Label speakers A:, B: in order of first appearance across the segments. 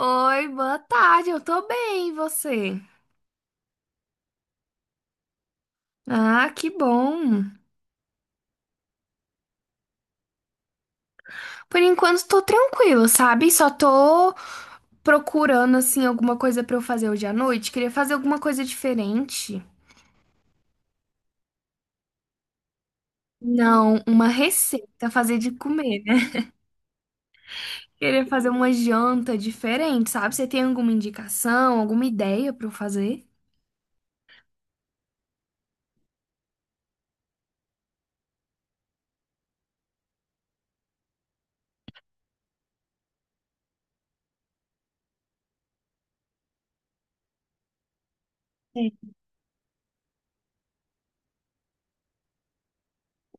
A: Oi, boa tarde, eu tô bem, e você? Ah, que bom. Por enquanto tô tranquila, sabe? Só tô procurando assim alguma coisa pra eu fazer hoje à noite. Queria fazer alguma coisa diferente. Não, uma receita, fazer de comer, né? Queria fazer uma janta diferente, sabe? Você tem alguma indicação, alguma ideia pra eu fazer? Sim.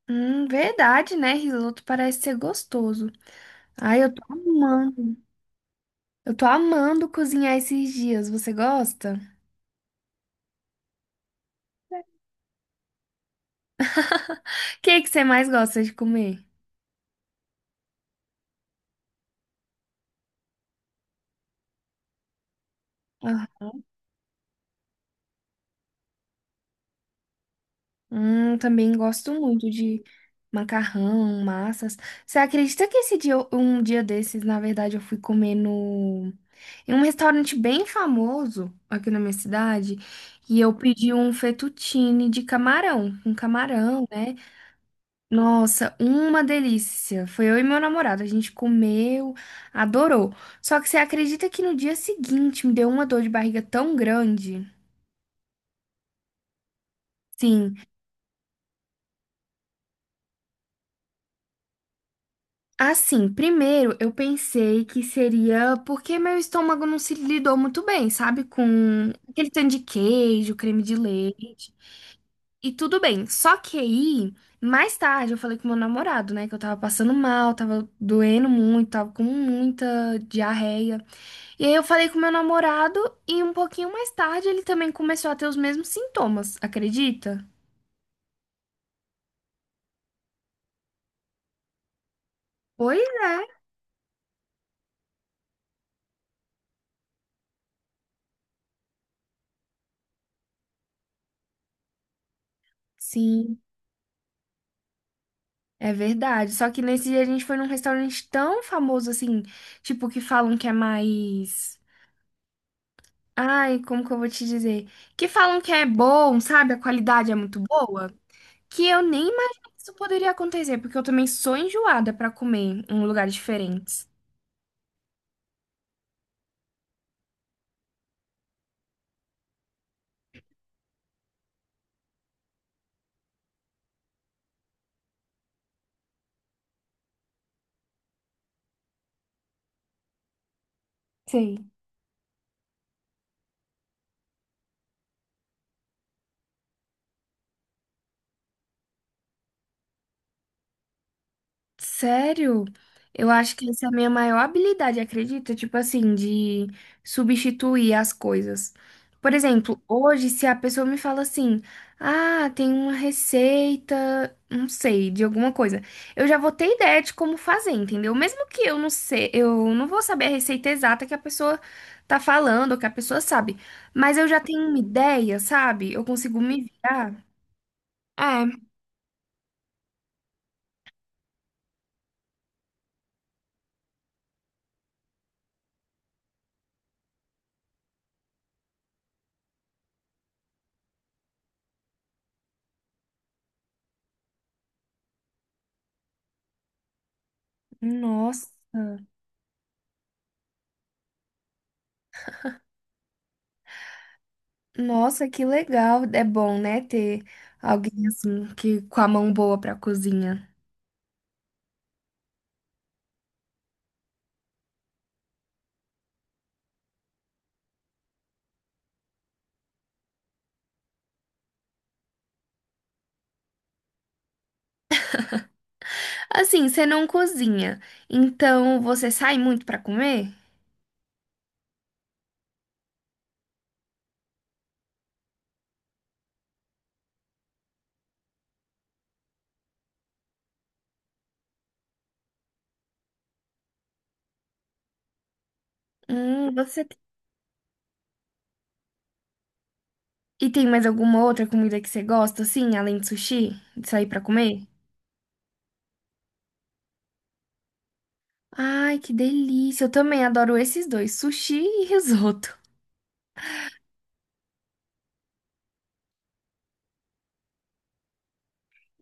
A: Verdade, né? Risoto parece ser gostoso. Ai, eu tô amando. Eu tô amando cozinhar esses dias. Você gosta? O que que você mais gosta de comer? Ah, também gosto muito de macarrão, massas. Você acredita que esse dia, um dia desses, na verdade, eu fui comer no em um restaurante bem famoso aqui na minha cidade e eu pedi um fettuccine de camarão, um camarão, né? Nossa, uma delícia. Foi eu e meu namorado, a gente comeu, adorou. Só que você acredita que no dia seguinte me deu uma dor de barriga tão grande? Sim. Assim, primeiro eu pensei que seria porque meu estômago não se lidou muito bem, sabe? Com aquele tanto de queijo, creme de leite e tudo bem. Só que aí, mais tarde, eu falei com meu namorado, né? Que eu tava passando mal, tava doendo muito, tava com muita diarreia. E aí eu falei com meu namorado e um pouquinho mais tarde ele também começou a ter os mesmos sintomas, acredita? Pois é. Sim. É verdade. Só que nesse dia a gente foi num restaurante tão famoso assim, tipo, que falam que é mais. Ai, como que eu vou te dizer? Que falam que é bom, sabe? A qualidade é muito boa. Que eu nem imaginei que isso poderia acontecer, porque eu também sou enjoada pra comer em lugares diferentes. Sei. Sério? Eu acho que essa é a minha maior habilidade, acredita? Tipo assim, de substituir as coisas. Por exemplo, hoje, se a pessoa me fala assim, ah, tem uma receita, não sei, de alguma coisa, eu já vou ter ideia de como fazer, entendeu? Mesmo que eu não sei, eu não vou saber a receita exata que a pessoa tá falando, ou que a pessoa sabe, mas eu já tenho uma ideia, sabe? Eu consigo me virar. É, nossa. Nossa, que legal. É bom, né, ter alguém assim que com a mão boa pra cozinha. Assim, você não cozinha, então você sai muito pra comer? Você e tem mais alguma outra comida que você gosta assim, além de sushi, de sair pra comer? Ai, que delícia. Eu também adoro esses dois, sushi e risoto.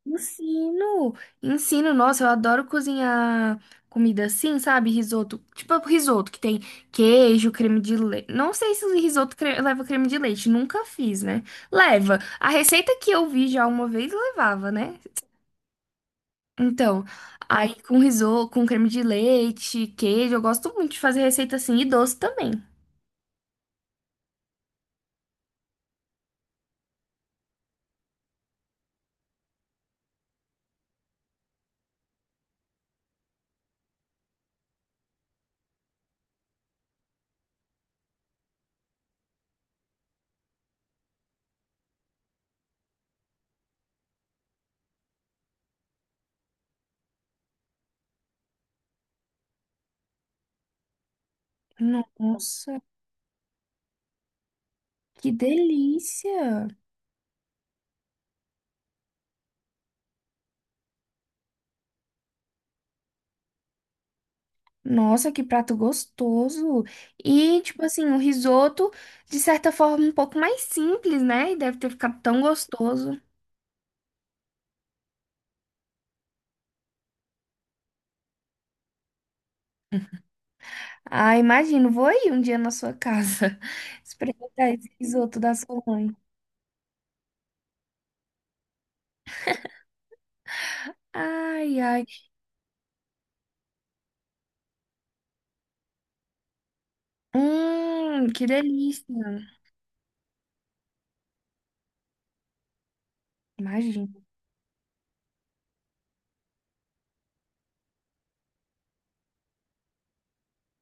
A: Ensino, ensino, nossa, eu adoro cozinhar comida assim, sabe? Risoto, tipo risoto que tem queijo, creme de leite. Não sei se o risoto leva creme de leite, nunca fiz, né? Leva. A receita que eu vi já uma vez levava, né? Então, aí com risoto, com creme de leite, queijo, eu gosto muito de fazer receita assim e doce também. Nossa, que delícia! Nossa, que prato gostoso! E, tipo assim, o risoto, de certa forma, um pouco mais simples, né? E deve ter ficado tão gostoso. Ah, imagino, vou ir um dia na sua casa experimentar esse risoto da sua mãe. Ai, ai. Que delícia! Imagino.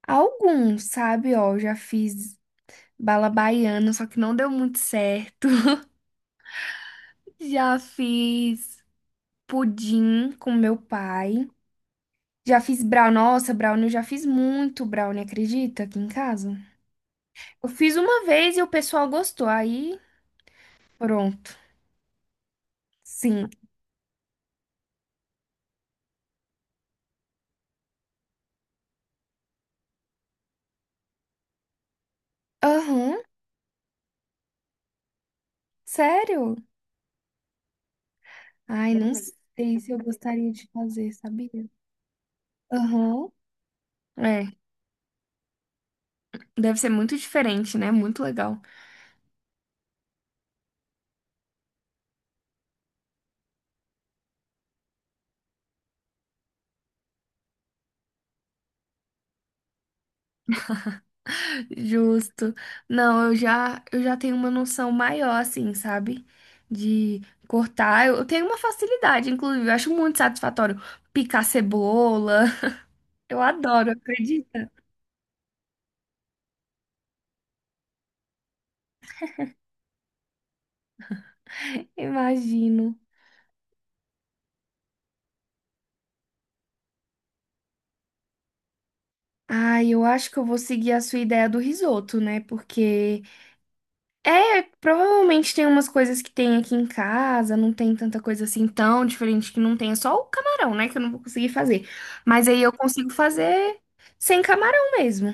A: Alguns, sabe, ó, eu já fiz bala baiana, só que não deu muito certo. Já fiz pudim com meu pai. Já fiz brownie. Nossa, brownie, eu já fiz muito brownie, acredita? Aqui em casa. Eu fiz uma vez e o pessoal gostou. Aí, pronto. Sim. Aham. Sério? Ai, não sei se eu gostaria de fazer, sabia? Aham. É. Deve ser muito diferente, né? Muito legal. Justo. Não, eu já tenho uma noção maior, assim, sabe? De cortar. Eu tenho uma facilidade, inclusive. Eu acho muito satisfatório picar cebola. Eu adoro, acredita? Imagino. Ah, eu acho que eu vou seguir a sua ideia do risoto, né? Porque é, provavelmente tem umas coisas que tem aqui em casa, não tem tanta coisa assim tão diferente que não tenha, só o camarão, né? Que eu não vou conseguir fazer. Mas aí eu consigo fazer sem camarão mesmo.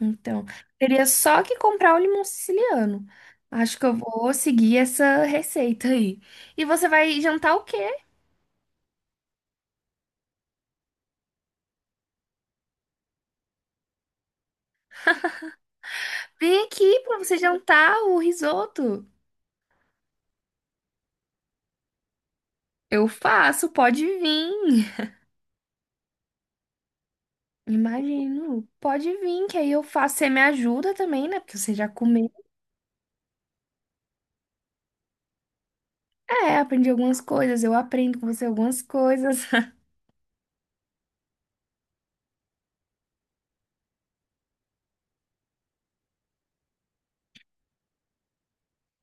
A: Então, teria só que comprar o limão siciliano. Acho que eu vou seguir essa receita aí. E você vai jantar o quê? Vem aqui pra você jantar o risoto. Eu faço, pode vir. Imagino. Pode vir, que aí eu faço. Você me ajuda também, né? Porque você já comeu. É, aprendi algumas coisas, eu aprendo com você algumas coisas.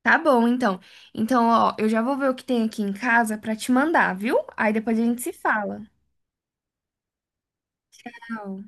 A: Tá bom, então. Então, ó, eu já vou ver o que tem aqui em casa pra te mandar, viu? Aí depois a gente se fala. Tchau.